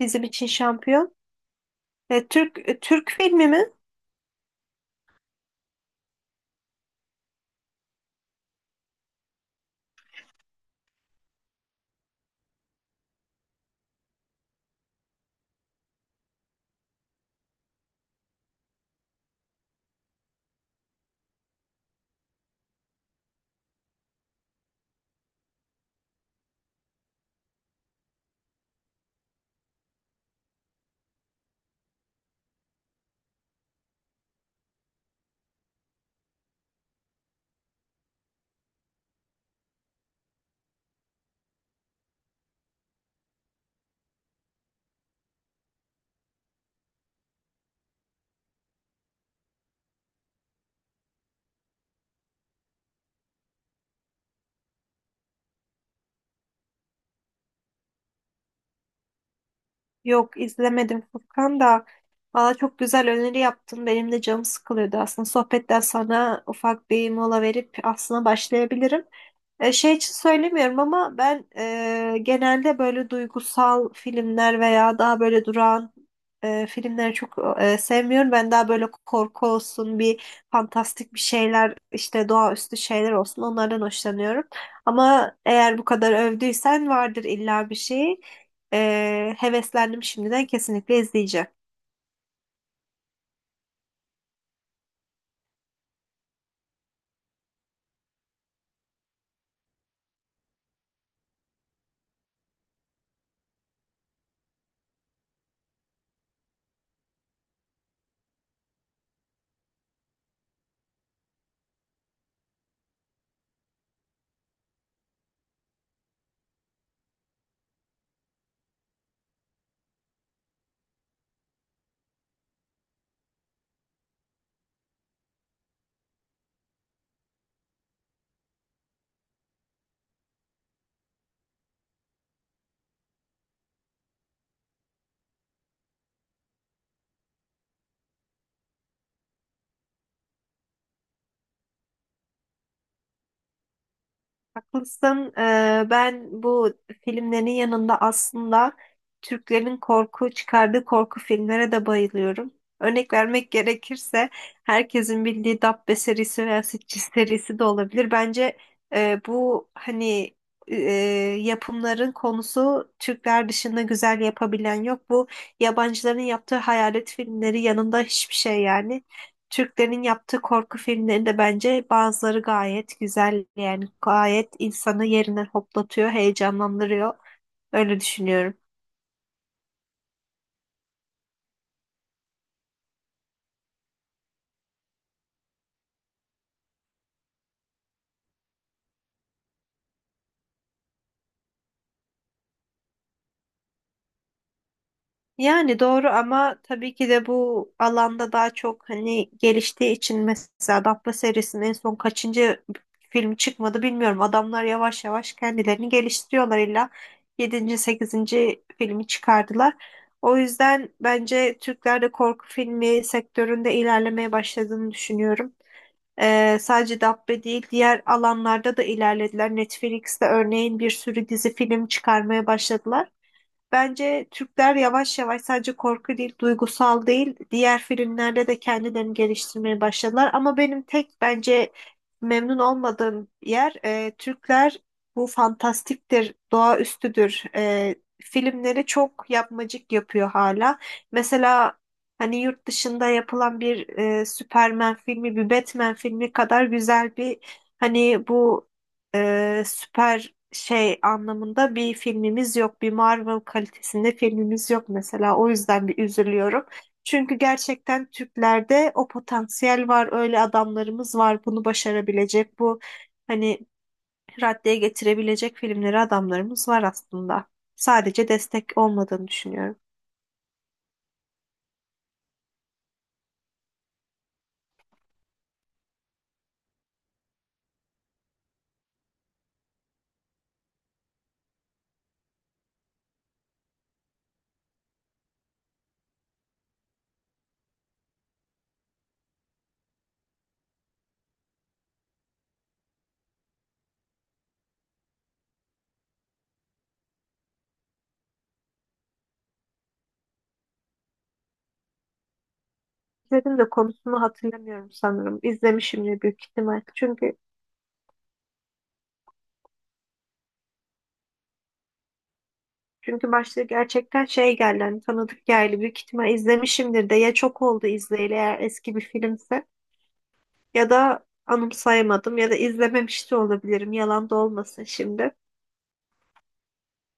Bizim için şampiyon. Türk filmi mi? Yok izlemedim Furkan da. Valla çok güzel öneri yaptın. Benim de canım sıkılıyordu aslında. Sohbetten sonra ufak bir mola verip aslında başlayabilirim. Şey için söylemiyorum ama ben genelde böyle duygusal filmler veya daha böyle durağan filmleri çok sevmiyorum. Ben daha böyle korku olsun, bir fantastik bir şeyler, işte doğaüstü şeyler olsun onlardan hoşlanıyorum. Ama eğer bu kadar övdüysen vardır illa bir şey. Heveslendim şimdiden, kesinlikle izleyeceğim. Haklısın. Ben bu filmlerin yanında aslında Türklerin korku çıkardığı korku filmlere de bayılıyorum. Örnek vermek gerekirse herkesin bildiği Dabbe serisi veya Sitges serisi de olabilir. Bence e, bu hani e, yapımların konusu Türkler dışında güzel yapabilen yok. Bu yabancıların yaptığı hayalet filmleri yanında hiçbir şey yani. Türklerin yaptığı korku filmlerinde bence bazıları gayet güzel, yani gayet insanı yerinden hoplatıyor, heyecanlandırıyor. Öyle düşünüyorum. Yani doğru ama tabii ki de bu alanda daha çok hani geliştiği için, mesela Dabbe serisinin en son kaçıncı film çıkmadı bilmiyorum. Adamlar yavaş yavaş kendilerini geliştiriyorlar, illa yedinci sekizinci filmi çıkardılar. O yüzden bence Türklerde korku filmi sektöründe ilerlemeye başladığını düşünüyorum. Sadece Dabbe değil, diğer alanlarda da ilerlediler. Netflix'te örneğin bir sürü dizi film çıkarmaya başladılar. Bence Türkler yavaş yavaş sadece korku değil, duygusal değil, diğer filmlerde de kendilerini geliştirmeye başladılar. Ama benim tek bence memnun olmadığım yer, Türkler bu fantastiktir, doğaüstüdür filmleri çok yapmacık yapıyor hala. Mesela hani yurt dışında yapılan bir Superman filmi, bir Batman filmi kadar güzel bir hani bu süper şey anlamında bir filmimiz yok. Bir Marvel kalitesinde filmimiz yok mesela. O yüzden bir üzülüyorum. Çünkü gerçekten Türklerde o potansiyel var. Öyle adamlarımız var. Bunu başarabilecek, bu hani raddeye getirebilecek filmleri adamlarımız var aslında. Sadece destek olmadığını düşünüyorum. İzledim de konusunu hatırlamıyorum sanırım. İzlemişimdir büyük ihtimal. Çünkü başta gerçekten şey geldi, hani tanıdık geldi, büyük ihtimal izlemişimdir de ya, çok oldu izleyeli, eğer eski bir filmse. Ya da anımsayamadım, ya da izlememiş de olabilirim. Yalan da olmasın şimdi.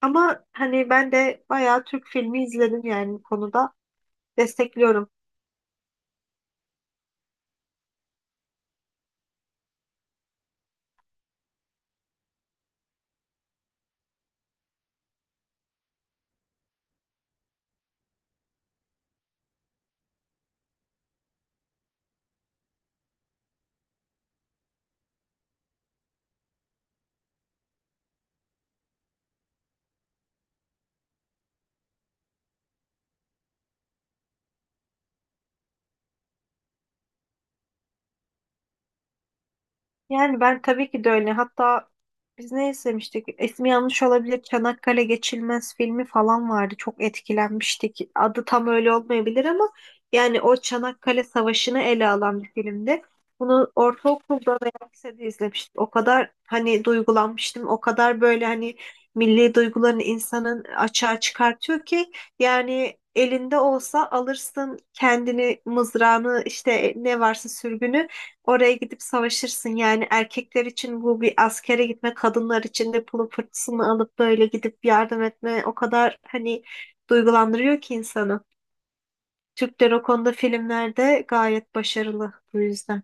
Ama hani ben de bayağı Türk filmi izledim yani bu konuda. Destekliyorum. Yani ben tabii ki de öyle. Hatta biz ne izlemiştik? İsmi yanlış olabilir. Çanakkale Geçilmez filmi falan vardı. Çok etkilenmiştik. Adı tam öyle olmayabilir ama yani o Çanakkale Savaşı'nı ele alan bir filmdi. Bunu ortaokulda veya lisede izlemiştim. O kadar hani duygulanmıştım. O kadar böyle hani milli duygularını insanın açığa çıkartıyor ki, yani elinde olsa alırsın kendini, mızrağını, işte ne varsa sürgünü, oraya gidip savaşırsın. Yani erkekler için bu bir askere gitme, kadınlar için de pulu fırtısını alıp böyle gidip yardım etme, o kadar hani duygulandırıyor ki insanı. Türkler o konuda filmlerde gayet başarılı bu yüzden.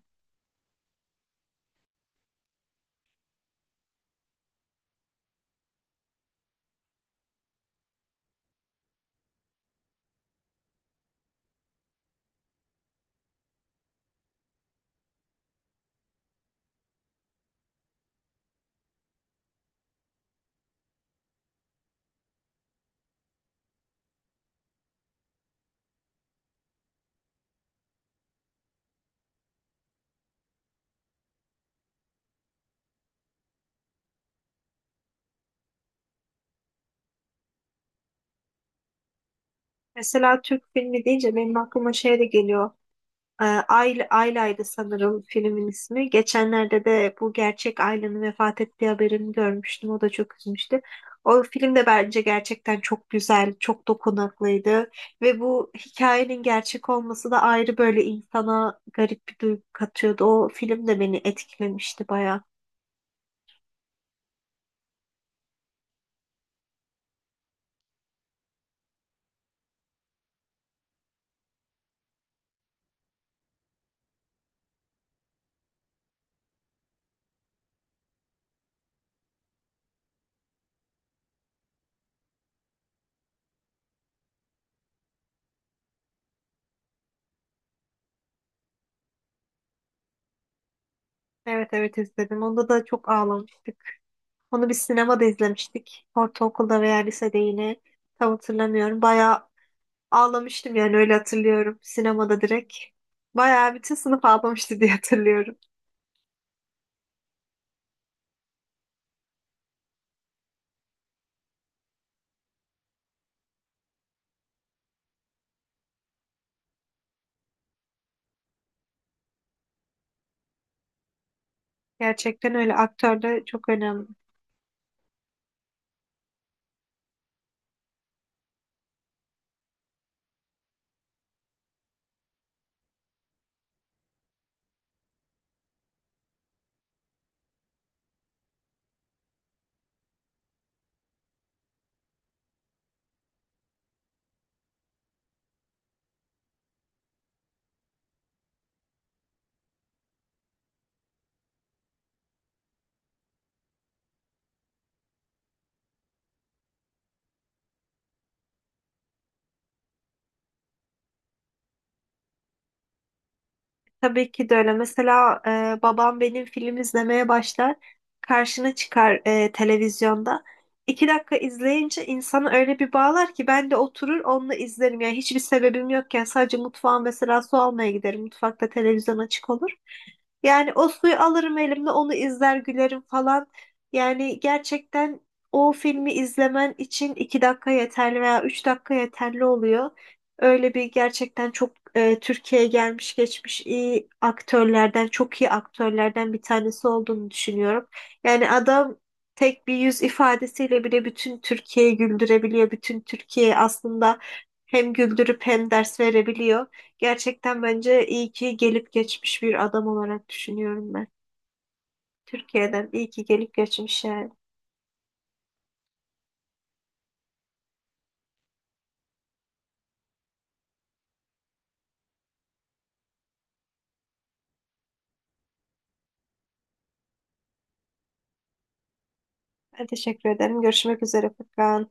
Mesela Türk filmi deyince benim aklıma şey de geliyor. Ayla'ydı sanırım filmin ismi. Geçenlerde de bu gerçek Ayla'nın vefat ettiği haberini görmüştüm. O da çok üzmüştü. O film de bence gerçekten çok güzel, çok dokunaklıydı. Ve bu hikayenin gerçek olması da ayrı, böyle insana garip bir duygu katıyordu. O film de beni etkilemişti baya. Evet, evet, izledim. Onda da çok ağlamıştık. Onu bir sinemada izlemiştik. Ortaokulda veya lisede yine. Tam hatırlamıyorum. Bayağı ağlamıştım, yani öyle hatırlıyorum. Sinemada direkt. Bayağı bütün sınıf ağlamıştı diye hatırlıyorum. Gerçekten öyle, aktör de çok önemli. Tabii ki de öyle. Mesela babam benim film izlemeye başlar. Karşına çıkar televizyonda. 2 dakika izleyince insanı öyle bir bağlar ki ben de oturur onunla izlerim. Yani hiçbir sebebim yokken sadece mutfağa mesela su almaya giderim. Mutfakta televizyon açık olur. Yani o suyu alırım elimle, onu izler gülerim falan. Yani gerçekten o filmi izlemen için 2 dakika yeterli veya 3 dakika yeterli oluyor. Öyle bir gerçekten çok Türkiye'ye gelmiş geçmiş iyi aktörlerden, çok iyi aktörlerden bir tanesi olduğunu düşünüyorum. Yani adam tek bir yüz ifadesiyle bile bütün Türkiye'yi güldürebiliyor. Bütün Türkiye'yi aslında hem güldürüp hem ders verebiliyor. Gerçekten bence iyi ki gelip geçmiş bir adam olarak düşünüyorum ben. Türkiye'den iyi ki gelip geçmiş yani. Ben teşekkür ederim. Görüşmek üzere Furkan.